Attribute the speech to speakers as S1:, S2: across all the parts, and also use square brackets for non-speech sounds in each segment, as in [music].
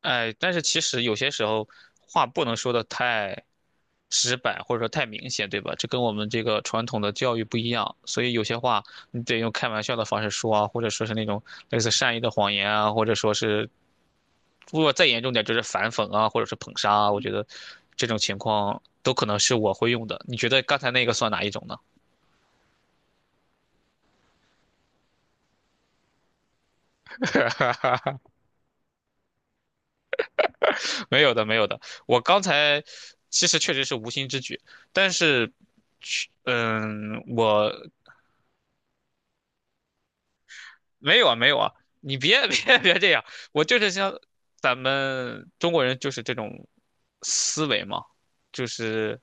S1: 哎，但是其实有些时候话不能说的太直白，或者说太明显，对吧？这跟我们这个传统的教育不一样，所以有些话你得用开玩笑的方式说啊，或者说是那种类似善意的谎言啊，或者说是如果再严重点就是反讽啊，或者是捧杀啊。我觉得这种情况都可能是我会用的。你觉得刚才那个算哪一种呢？[laughs] 没有的，没有的。我刚才其实确实是无心之举，但是我没有啊，没有啊，你别 [laughs] 别这样，我就是像咱们中国人就是这种思维嘛，就是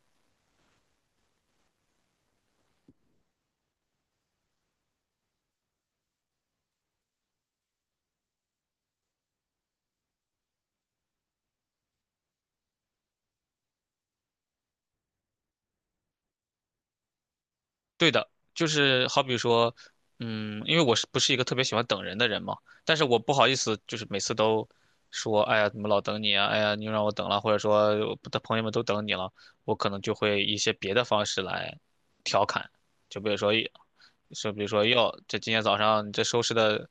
S1: 对的，就是好比说，因为我是不是一个特别喜欢等人的人嘛，但是我不好意思，就是每次都说，哎呀，怎么老等你啊，哎呀，你又让我等了，或者说我的朋友们都等你了，我可能就会一些别的方式来调侃，就比如说哟，这今天早上你这收拾的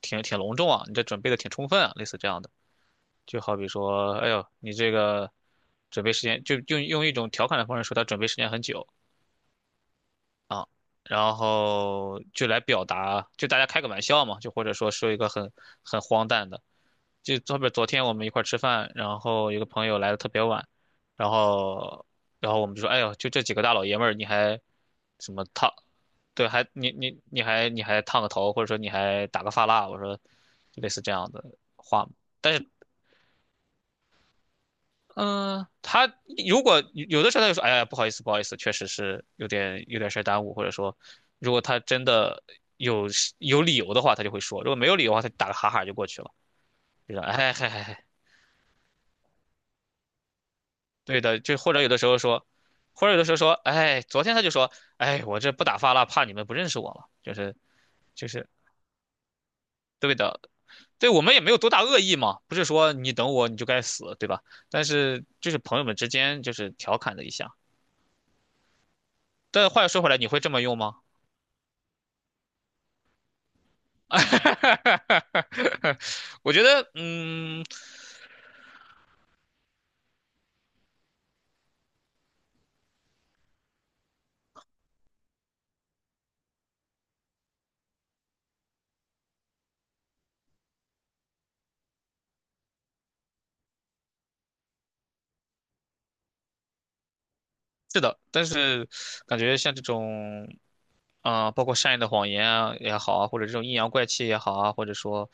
S1: 挺隆重啊，你这准备的挺充分啊，类似这样的。就好比说，哎呦，你这个准备时间，就用一种调侃的方式说他准备时间很久啊，然后就来表达，就大家开个玩笑嘛，就或者说一个很荒诞的，就后边昨天我们一块儿吃饭，然后有个朋友来的特别晚，然后然后我们就说，哎呦，就这几个大老爷们儿，你还什么烫？对，还你你你还你还烫个头，或者说你还打个发蜡，我说类似这样的话嘛但是，嗯、他如果有的时候他就说，哎呀，不好意思，不好意思，确实是有点事儿耽误，或者说，如果他真的有有理由的话，他就会说；如果没有理由的话，他打个哈哈就过去了，就说，哎嗨嗨嗨，对的，就或者有的时候说，或者有的时候说，哎，昨天他就说，哎，我这不打发了，怕你们不认识我了，就是对的，对我们也没有多大恶意嘛，不是说你等我你就该死，对吧？但是就是朋友们之间就是调侃了一下。但话又说回来，你会这么用吗？[laughs] 我觉得，是的，但是感觉像这种。包括善意的谎言啊也好啊，或者这种阴阳怪气也好啊，或者说，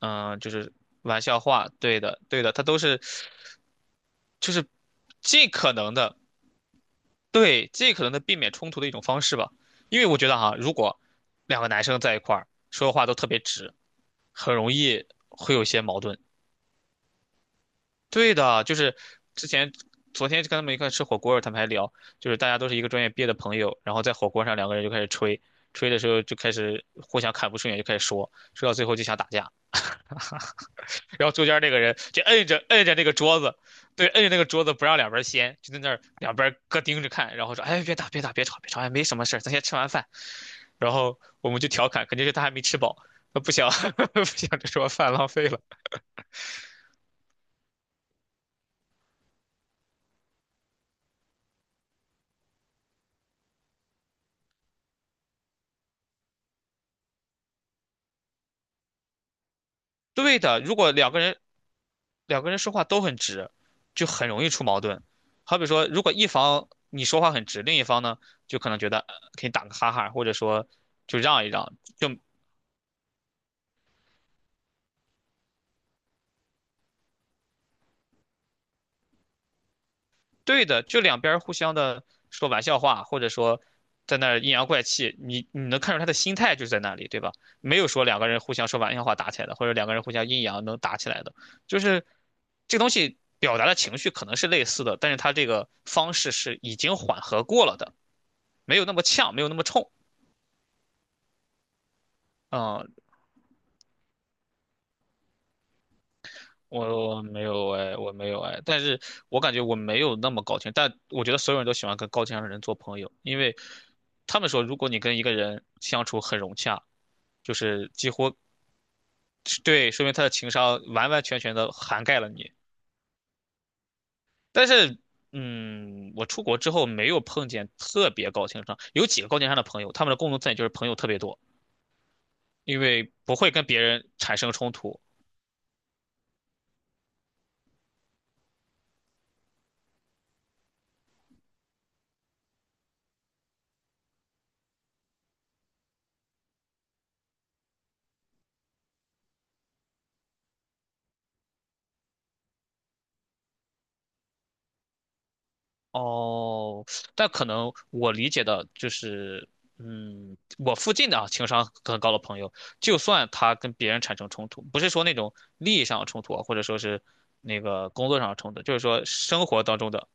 S1: 就是玩笑话，对的，对的，他都是就是尽可能的，对，尽可能的避免冲突的一种方式吧。因为我觉得哈、如果两个男生在一块儿说话都特别直，很容易会有一些矛盾。对的，就是之前昨天跟他们一块吃火锅，他们还聊，就是大家都是一个专业毕业的朋友，然后在火锅上两个人就开始吹，吹的时候就开始互相看不顺眼，就开始说，说到最后就想打架，然后中间那个人就摁着摁着那个桌子，对，摁着那个桌子不让两边掀，就在那儿两边各盯着看，然后说，哎，别打别打别吵别吵，哎，没什么事儿，咱先吃完饭，然后我们就调侃，肯定是他还没吃饱。他不想 [laughs] 不想这桌饭浪费了。对的，如果两个人说话都很直，就很容易出矛盾。好比说，如果一方你说话很直，另一方呢就可能觉得呃可以打个哈哈，或者说就让一让，就对的，就两边互相的说玩笑话，或者说在那儿阴阳怪气，你能看出他的心态就在那里，对吧？没有说两个人互相说玩笑话打起来的，或者两个人互相阴阳能打起来的，就是这个东西表达的情绪可能是类似的，但是他这个方式是已经缓和过了的，没有那么呛，没有那么冲。嗯，我没有哎，我没有哎，但是我感觉我没有那么高情，但我觉得所有人都喜欢跟高情商的人做朋友，因为他们说，如果你跟一个人相处很融洽，就是几乎对，说明他的情商完完全全的涵盖了你。但是，我出国之后没有碰见特别高情商，有几个高情商的朋友，他们的共同特点就是朋友特别多，因为不会跟别人产生冲突。哦，但可能我理解的就是，我附近的啊，情商很高的朋友，就算他跟别人产生冲突，不是说那种利益上的冲突啊或者说是那个工作上的冲突，就是说生活当中的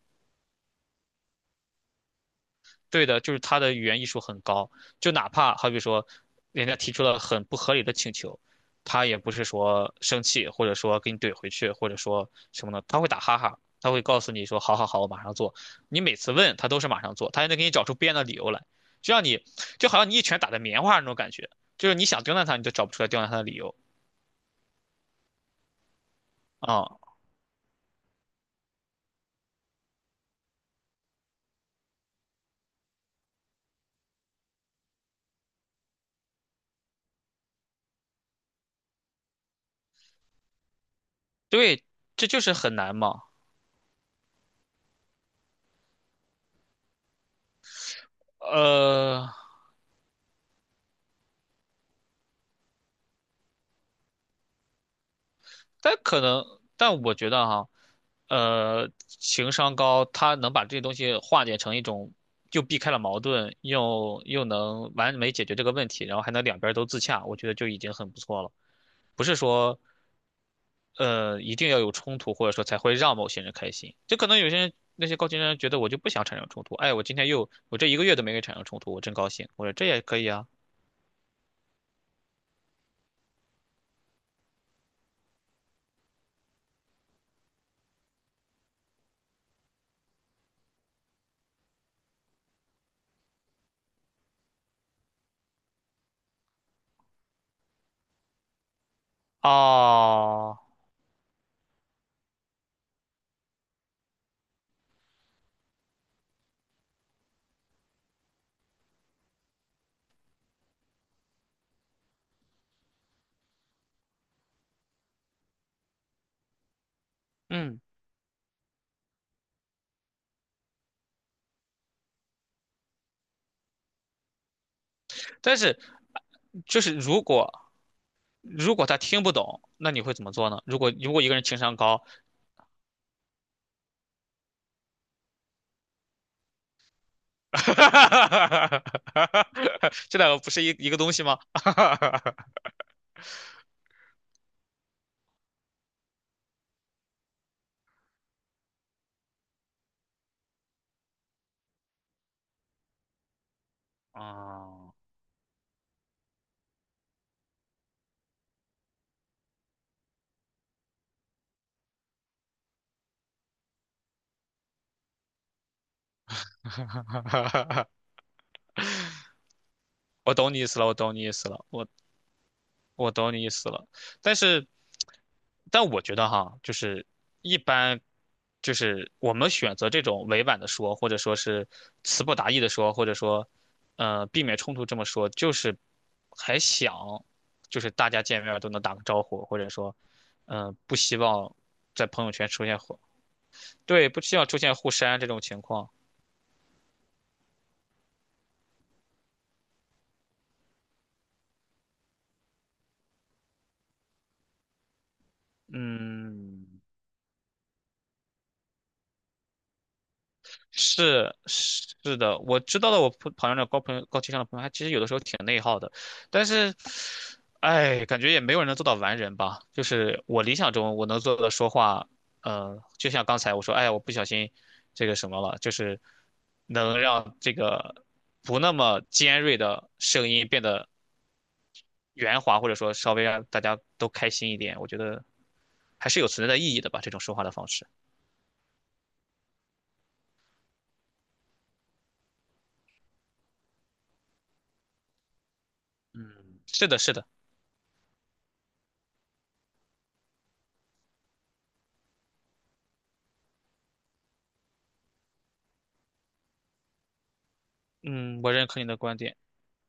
S1: 对的，就是他的语言艺术很高，就哪怕好比说，人家提出了很不合理的请求，他也不是说生气，或者说给你怼回去，或者说什么呢？他会打哈哈，他会告诉你说好好好，我马上做。你每次问他都是马上做，他还能给你找出编的理由来，就让你就好像你一拳打在棉花那种感觉，就是你想刁难他，你都找不出来刁难他的理由啊。对，这就是很难嘛。呃，但可能，但我觉得哈，情商高，他能把这些东西化解成一种，又避开了矛盾，又能完美解决这个问题，然后还能两边儿都自洽，我觉得就已经很不错了。不是说，一定要有冲突，或者说才会让某些人开心。就可能有些人，那些高情商人觉得我就不想产生冲突，哎，我今天又，我这一个月都没给产生冲突，我真高兴。我说这也可以啊。哦，嗯，但是就是如果如果他听不懂，那你会怎么做呢？如果一个人情商高，[laughs] 这两个不是一个东西吗？[laughs] 啊，[laughs] 我懂你意思了，我懂你意思了，我懂你意思了，但是，但我觉得哈，就是一般，就是我们选择这种委婉的说，或者说是词不达意的说，或者说，避免冲突这么说，就是还想，就是大家见面儿都能打个招呼，或者说，不希望在朋友圈出现互，对，不希望出现互删这种情况。嗯，是的，我知道的。我朋友的高情商的朋友，他其实有的时候挺内耗的，但是，哎，感觉也没有人能做到完人吧。就是我理想中我能做的说话，就像刚才我说，哎呀我不小心这个什么了，就是能让这个不那么尖锐的声音变得圆滑，或者说稍微让大家都开心一点。我觉得还是有存在的意义的吧，这种说话的方式。嗯，是的，是的，嗯，我认可你的观点。